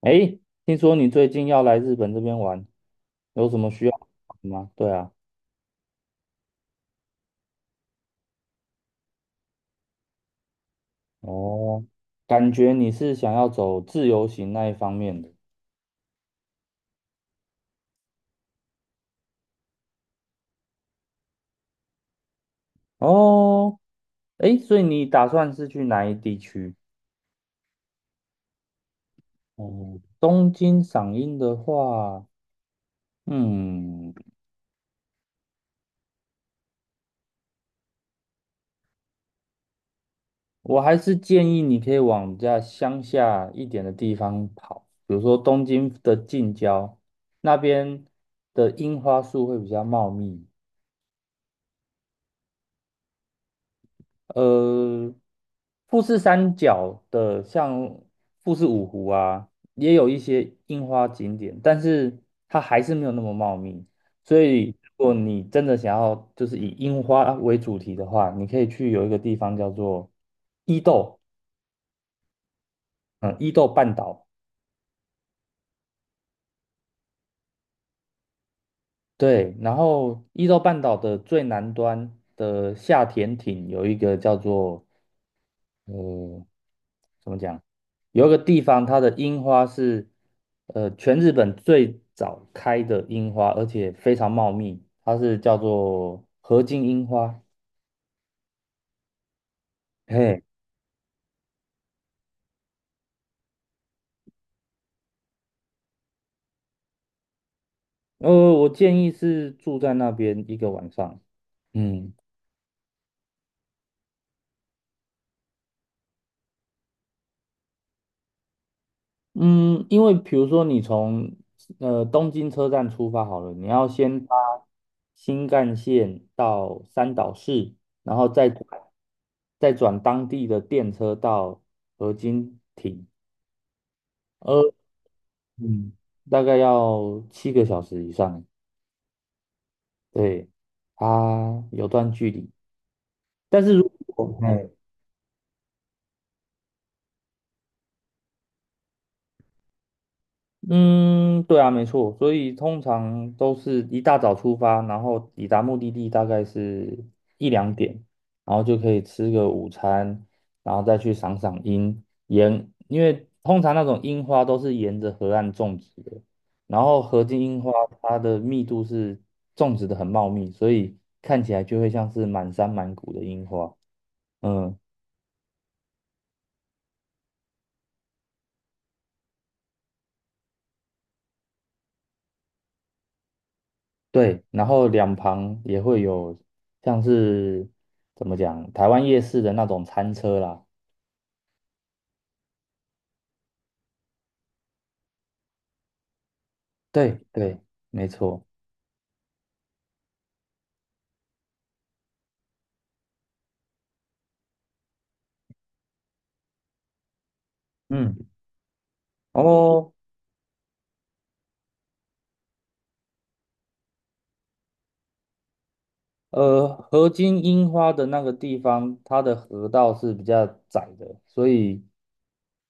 哎，听说你最近要来日本这边玩，有什么需要帮忙吗？对啊。哦，感觉你是想要走自由行那一方面的。哦，哎，所以你打算是去哪一地区？哦，东京赏樱的话，嗯，我还是建议你可以往家乡下一点的地方跑，比如说东京的近郊，那边的樱花树会比较茂密。呃，富士山脚的像富士五湖啊，也有一些樱花景点，但是它还是没有那么茂密。所以，如果你真的想要就是以樱花为主题的话，你可以去有一个地方叫做伊豆，嗯，伊豆半岛。对，然后伊豆半岛的最南端的下田町有一个叫做呃怎么讲？有一个地方，它的樱花是全日本最早开的樱花，而且非常茂密，它是叫做河津樱花。嘿，呃，我建议是住在那边一个晚上。嗯。嗯，因为比如说你从东京车站出发好了，你要先搭新干线到三岛市，然后再转当地的电车到河津町。呃。嗯，大概要7个小时以上。对，它有段距离，但是如果哎，嗯，对啊，没错，所以通常都是一大早出发，然后抵达目的地大概是一两点，然后就可以吃个午餐，然后再去赏赏樱，沿，因为通常那种樱花都是沿着河岸种植的，然后河津樱花它的密度是种植的很茂密，所以看起来就会像是满山满谷的樱花。嗯，对，然后两旁也会有像是怎么讲，台湾夜市的那种餐车啦。对对，没错。嗯，然后河津樱花的那个地方，它的河道是比较窄的，所以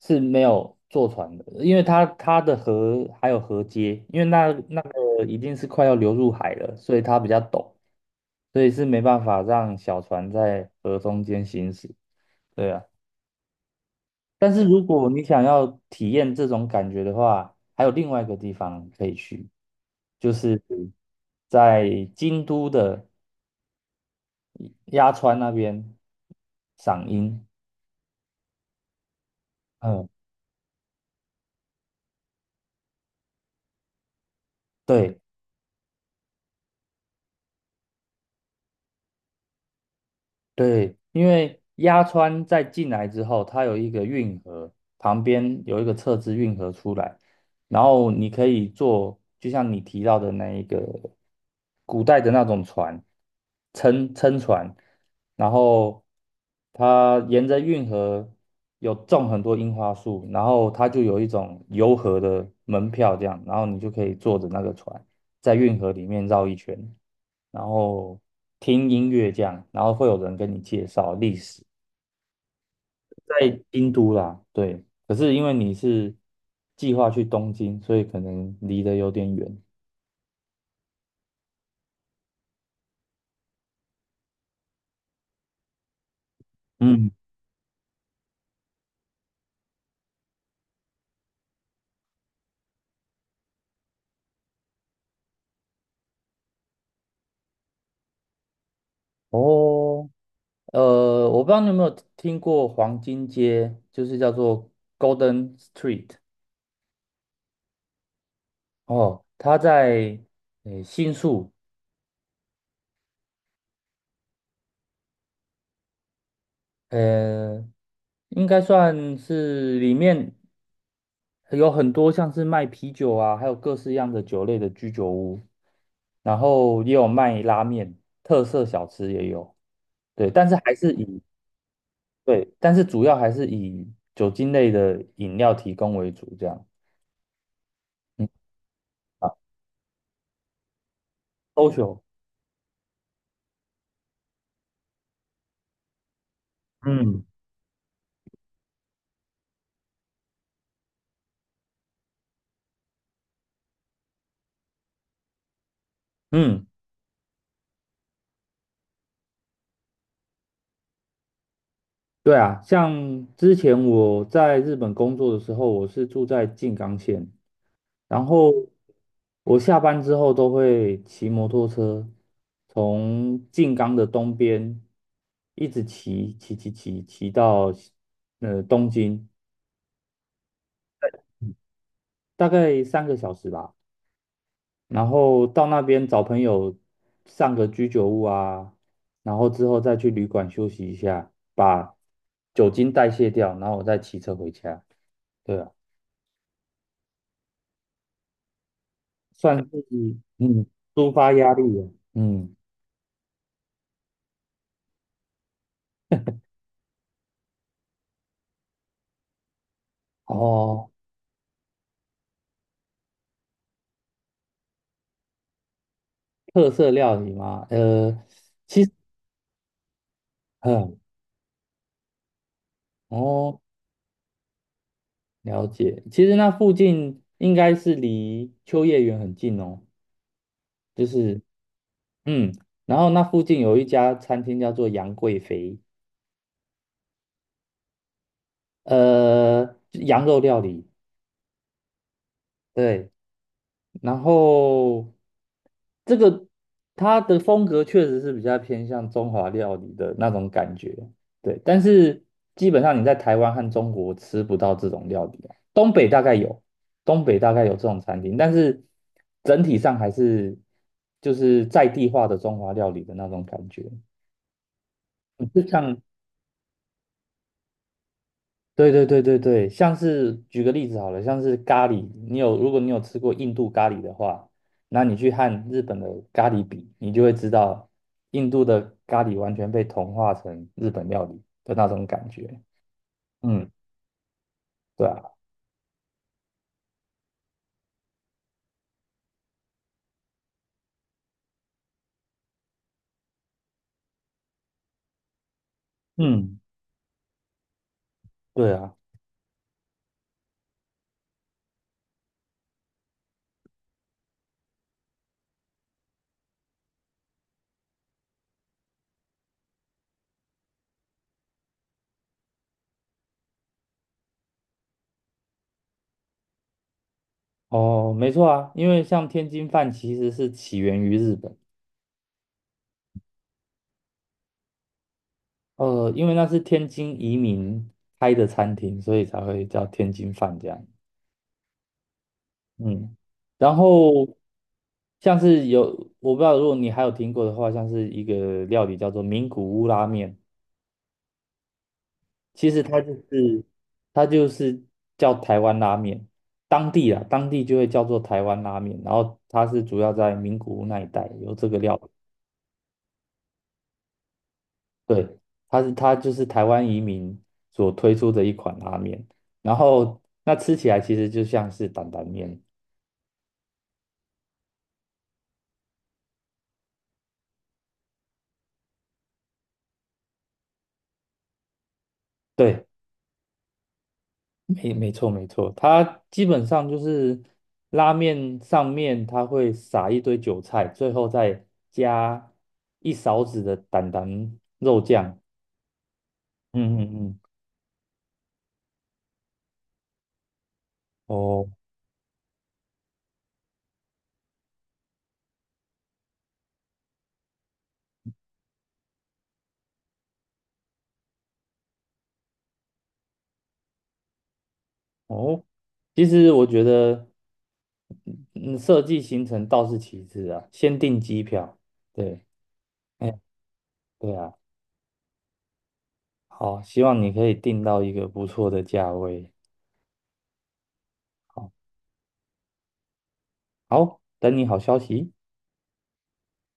是没有坐船的，因为它的河还有河街，因为那个已经是快要流入海了，所以它比较陡，所以是没办法让小船在河中间行驶。对啊。但是如果你想要体验这种感觉的话，还有另外一个地方可以去，就是在京都的鸭川那边赏樱。嗯，对，对，因为鸭川在进来之后，它有一个运河，旁边有一个侧支运河出来，然后你可以坐，就像你提到的那一个古代的那种船，撑撑船，然后它沿着运河有种很多樱花树，然后它就有一种游河的门票这样，然后你就可以坐着那个船。在运河里面绕一圈，然后听音乐这样，然后会有人跟你介绍历史，在京都啦，对。可是因为你是计划去东京，所以可能离得有点远。嗯，哦，我不知道你有没有听过黄金街，就是叫做 Golden Street。哦，它在新宿，呃，应该算是里面有很多像是卖啤酒啊，还有各式样的酒类的居酒屋，然后也有卖拉面，特色小吃也有。对，但是还是以，对，但是主要还是以酒精类的饮料提供为主，这样，嗯，啊，social，嗯嗯，对啊，像之前我在日本工作的时候，我是住在静冈县，然后我下班之后都会骑摩托车，从静冈的东边一直骑到东京，大概3个小时吧。然后到那边找朋友上个居酒屋啊，然后之后再去旅馆休息一下，把酒精代谢掉，然后我再骑车回家。对啊，算是嗯抒发压力啊。嗯，哦。特色料理吗？呃，嗯，哦，了解。其实那附近应该是离秋叶原很近哦，就是，嗯，然后那附近有一家餐厅叫做杨贵妃，羊肉料理，对。然后这个它的风格确实是比较偏向中华料理的那种感觉，对。但是基本上你在台湾和中国吃不到这种料理啊东北大概有，东北大概有这种餐厅，但是整体上还是就是在地化的中华料理的那种感觉。你就像对对对对对，像是举个例子好了，像是咖喱，如果你有吃过印度咖喱的话，那你去和日本的咖喱比，你就会知道印度的咖喱完全被同化成日本料理的那种感觉。嗯，对啊，嗯，对啊，哦，没错啊，因为像天津饭其实是起源于日本，因为那是天津移民开的餐厅，所以才会叫天津饭这样。嗯，然后像是有，我不知道如果你还有听过的话，像是一个料理叫做名古屋拉面，其实它就是叫台湾拉面，当地啊当地就会叫做台湾拉面，然后它是主要在名古屋那一带有这个料理。对，它就是台湾移民所推出的一款拉面，然后那吃起来其实就像是担担面。对。没错没错，它基本上就是拉面上面它会撒一堆韭菜，最后再加一勺子的蛋蛋肉酱。嗯嗯嗯，哦哦，其实我觉得嗯，设计行程倒是其次啊，先订机票。对，哎，对啊。好，希望你可以订到一个不错的价位。好，好，等你好消息。